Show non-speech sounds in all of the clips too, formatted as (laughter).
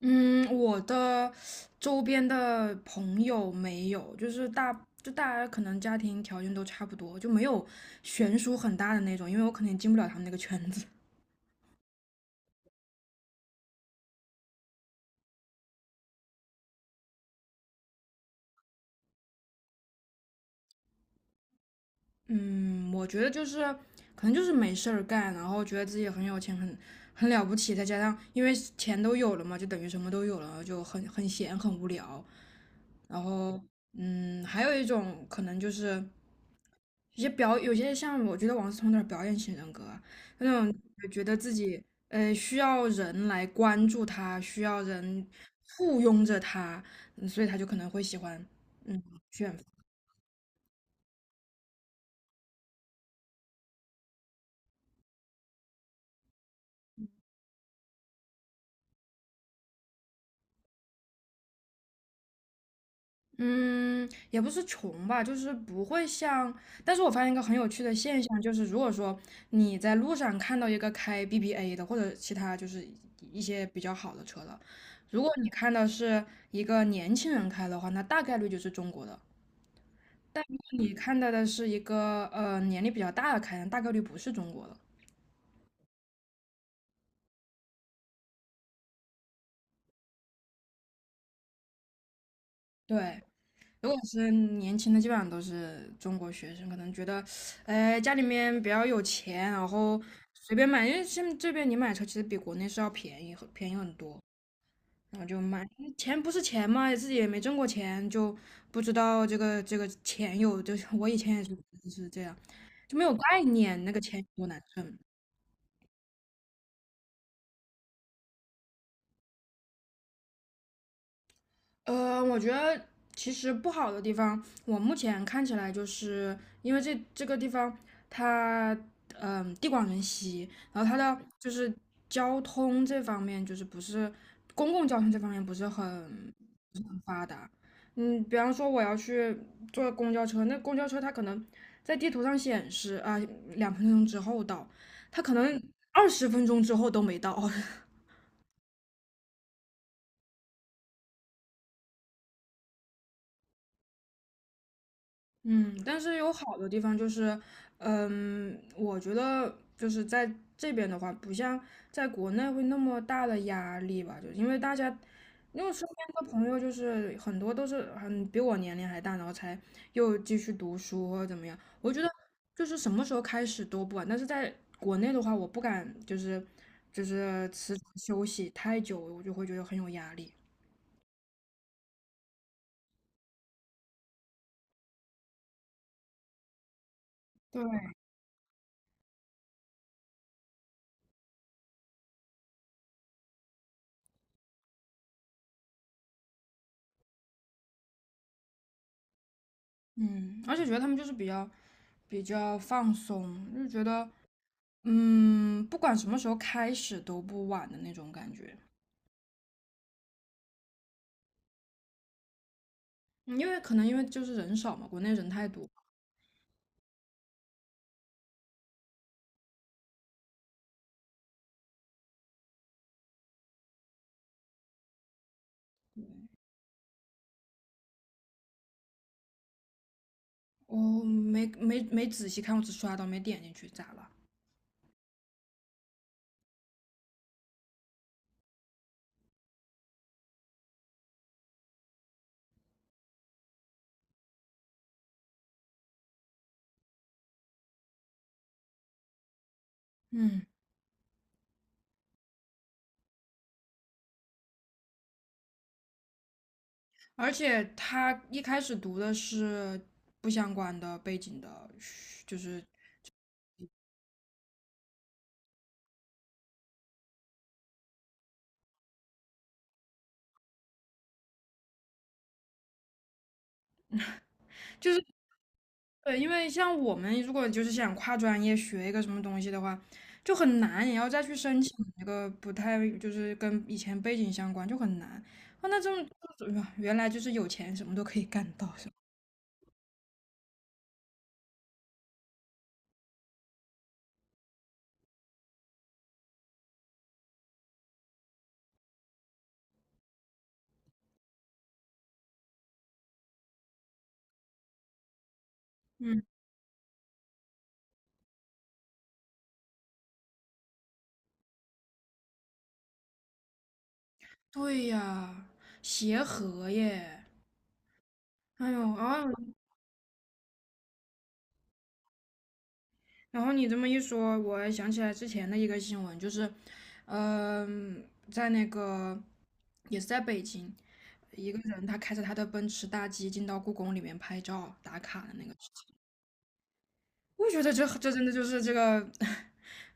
嗯，我的周边的朋友没有，就是大家可能家庭条件都差不多，就没有悬殊很大的那种，因为我可能也进不了他们那个圈子。嗯，我觉得就是可能就是没事儿干，然后觉得自己很有钱，很了不起，再加上因为钱都有了嘛，就等于什么都有了，就很闲，很无聊。然后，还有一种可能就是一些表，有些像我觉得王思聪有点表演型人格啊那种觉得自己需要人来关注他，需要人簇拥着他，所以他就可能会喜欢嗯。嗯，也不是穷吧，就是不会像。但是我发现一个很有趣的现象，就是如果说你在路上看到一个开 BBA 的，或者其他就是一些比较好的车的，如果你看到是一个年轻人开的话，那大概率就是中国的；但如果你看到的是一个年龄比较大的开，大概率不是中国的。对，如果是年轻的，基本上都是中国学生，可能觉得，哎，家里面比较有钱，然后随便买，因为现在这边你买车其实比国内是要便宜很多，然后就买。钱不是钱嘛，自己也没挣过钱，就不知道这个钱有，就是我以前也是这样，就没有概念，那个钱有多难挣。我觉得其实不好的地方，我目前看起来就是因为这个地方它地广人稀，然后它的就是交通这方面就是不是公共交通这方面不是很发达。比方说我要去坐公交车，那公交车它可能在地图上显示啊、2分钟之后到，它可能20分钟之后都没到。(laughs) 嗯，但是有好的地方就是，我觉得就是在这边的话，不像在国内会那么大的压力吧，就是因为大家，因为我身边的朋友就是很多都是很比我年龄还大，然后才又继续读书或者怎么样。我觉得就是什么时候开始都不晚，但是在国内的话，我不敢就是就是辞职休息太久，我就会觉得很有压力。对，嗯，而且觉得他们就是比较放松，就觉得。不管什么时候开始都不晚的那种感觉，嗯因为可能因为就是人少嘛，国内人太多。我没仔细看，我只刷到没点进去，咋了？嗯，而且他一开始读的是不相关的背景的就是就是对，因为像我们如果就是想跨专业学一个什么东西的话，就很难，也要再去申请一个不太就是跟以前背景相关，就很难。哦，那这种原来就是有钱什么都可以干到，是吧？嗯，对呀，协和耶，哎呦，啊，然后你这么一说，我想起来之前的一个新闻，就是，嗯、在那个也是在北京，一个人他开着他的奔驰大 G 进到故宫里面拍照打卡的那个事情，我觉得这真的就是这个，(laughs)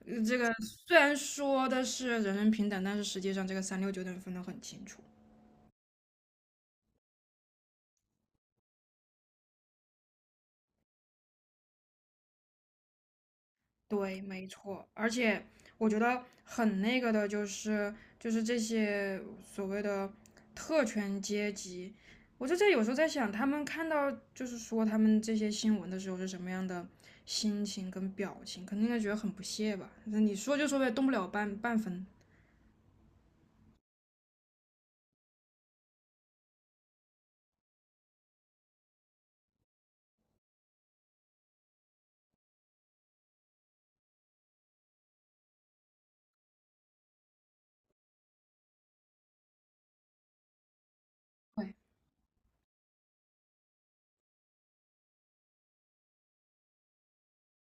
这个虽然说的是人人平等，但是实际上这个三六九等分得很清楚。对，没错，而且我觉得很那个的，就是这些所谓的特权阶级，我就在有时候在想，他们看到就是说他们这些新闻的时候是什么样的心情跟表情，肯定应该觉得很不屑吧？就是你说就说呗，动不了半分。对，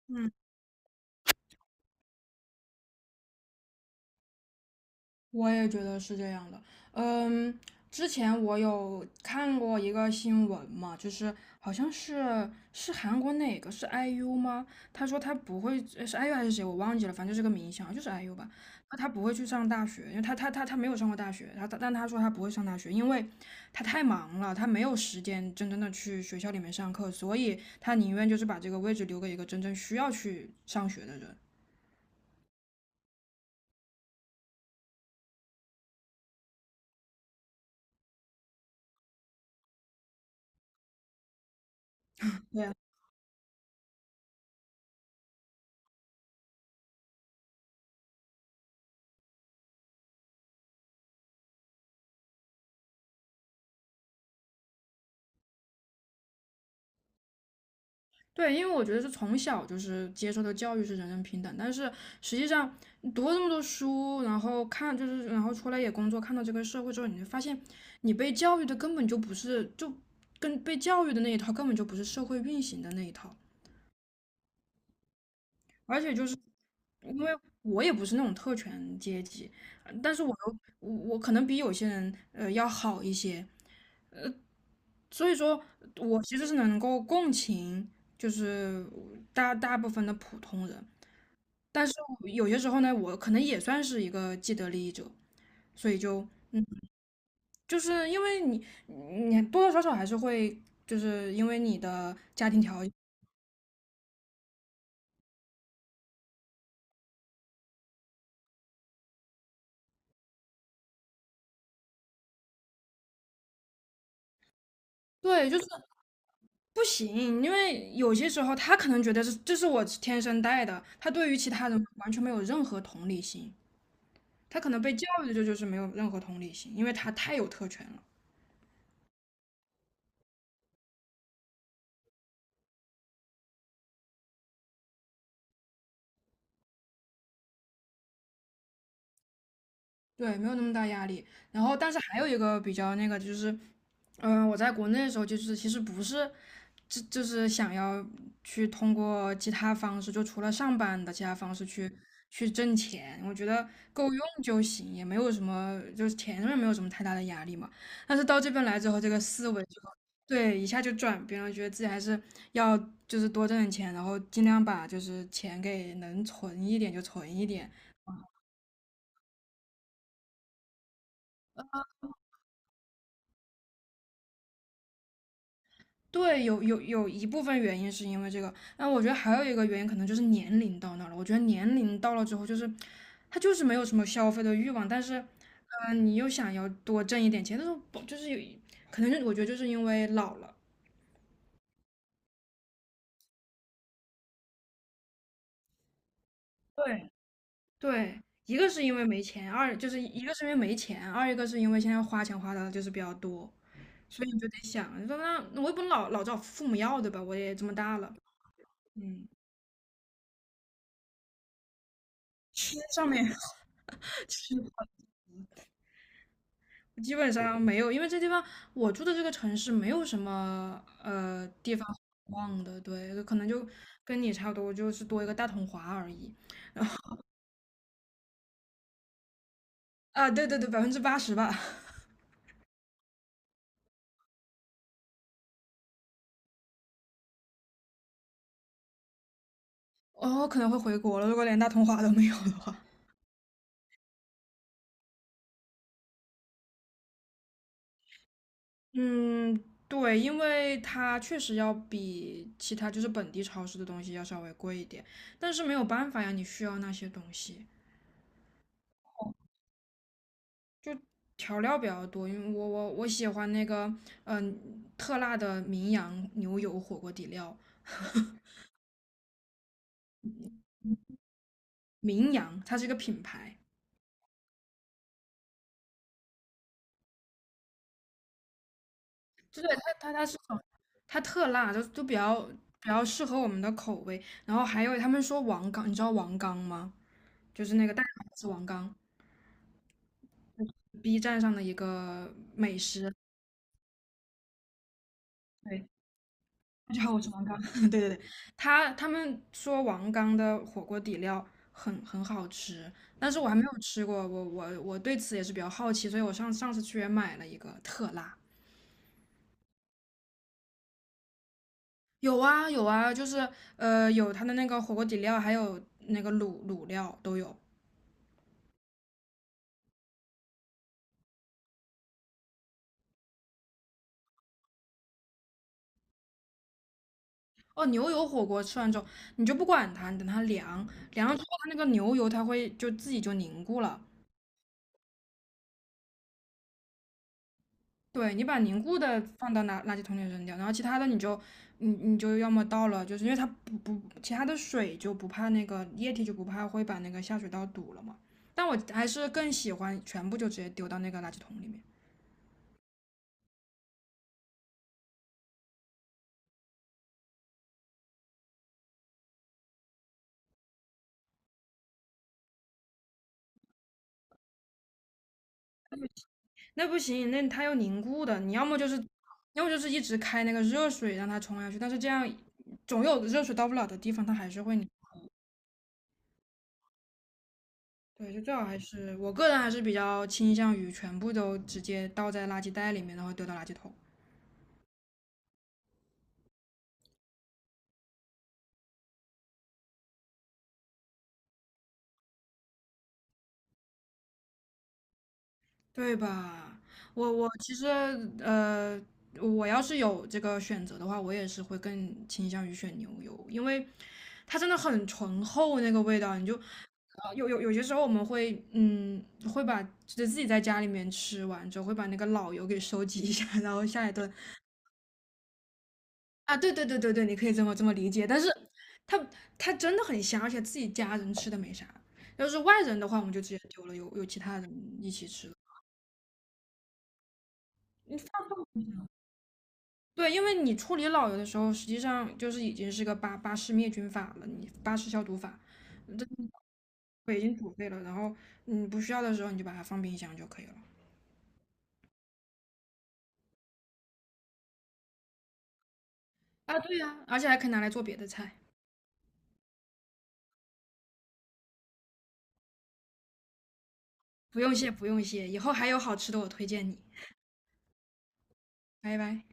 嗯。我也觉得是这样的。嗯，之前我有看过一个新闻嘛，就是好像是韩国哪个是 IU 吗？他说他不会是 IU 还是谁，我忘记了，反正就是个明星，好像就是 IU 吧。他不会去上大学，因为他没有上过大学，但他说他不会上大学，因为他太忙了，他没有时间真正的去学校里面上课，所以他宁愿就是把这个位置留给一个真正需要去上学的人。对对，因为我觉得是从小就是接受的教育是人人平等，但是实际上你读了这么多书，然后看就是然后出来也工作，看到这个社会之后，你就发现你被教育的根本就不是，就跟被教育的那一套根本就不是社会运行的那一套，而且就是因为我也不是那种特权阶级，但是我可能比有些人要好一些，所以说我其实是能够共情，就是大部分的普通人。但是我有些时候呢，我可能也算是一个既得利益者，所以就是因为你，你多多少少还是会，就是因为你的家庭条件，对，就是不行，因为有些时候他可能觉得这是我天生带的，他对于其他人完全没有任何同理心，他可能被教育的就是没有任何同理心，因为他太有特权了。对，没有那么大压力。然后，但是还有一个比较那个就是，我在国内的时候，就是其实不是，就是想要去通过其他方式，就除了上班的其他方式去挣钱，我觉得够用就行，也没有什么，就是钱上面没有什么太大的压力嘛。但是到这边来之后，这个思维就对一下就转变了，觉得自己还是要就是多挣点钱，然后尽量把就是钱给能存一点就存一点。对，有一部分原因是因为这个，那我觉得还有一个原因可能就是年龄到那儿了。我觉得年龄到了之后，就是他就是没有什么消费的欲望，但是，你又想要多挣一点钱，但是不就是有一可能就我觉得就是因为老了。对对，一个是因为没钱，二就是一个是因为没钱，二一个是因为现在花钱花的就是比较多，所以你就得想，你说那我也不能老找父母要，对吧？我也这么大了，嗯，吃上面 (laughs) 基本上没有，因为这地方我住的这个城市没有什么地方逛的，对，可能就跟你差不多，就是多一个大统华而已。啊，对对对，80%吧。(laughs) 哦，可能会回国了，如果连大统华都没有的话。嗯，对，因为它确实要比其他就是本地超市的东西要稍微贵一点，但是没有办法呀，你需要那些东西，调料比较多，因为我喜欢那个特辣的名扬牛油火锅底料，名扬，它是一个品牌，就对，它它它是很它特辣，就比较适合我们的口味。然后还有他们说王刚，你知道王刚吗？就是那个代码是王刚，B 站上的一个美食，对，大家好，我是王刚，(laughs) 对对对，他们说王刚的火锅底料很好吃，但是我还没有吃过，我对此也是比较好奇，所以我上上次去也买了一个特辣。有啊有啊，就是有它的那个火锅底料，还有那个卤料都有。哦，牛油火锅吃完之后，你就不管它，你等它凉，凉了之后它那个牛油它会就自己就凝固了。对，你把凝固的放到垃圾桶里扔掉，然后其他的你就要么倒了，就是因为它不其他的水就不怕那个液体就不怕会把那个下水道堵了嘛。但我还是更喜欢全部就直接丢到那个垃圾桶里面。那不行，那它要凝固的，你要么就是，要么就是一直开那个热水让它冲下去，但是这样总有热水到不了的地方，它还是会凝。对，就最好还是我个人还是比较倾向于全部都直接倒在垃圾袋里面，然后丢到垃圾桶，对吧？我其实呃，我要是有这个选择的话，我也是会更倾向于选牛油，因为它真的很醇厚那个味道，你就有有些时候我们会，会把就自己在家里面吃完之后，会把那个老油给收集一下，(laughs) 然后下一顿啊，对对对对对，你可以这么理解。但是它它真的很香，而且自己家人吃的没啥。要是外人的话，我们就直接丢了，有其他人一起吃了。你放对，因为你处理老油的时候，实际上就是已经是个巴氏灭菌法了，你巴氏消毒法，这对已经煮沸了，然后你不需要的时候你就把它放冰箱就可以了。啊，对呀、而且还可以拿来做别的菜。不用谢，不用谢，以后还有好吃的我推荐你，拜拜。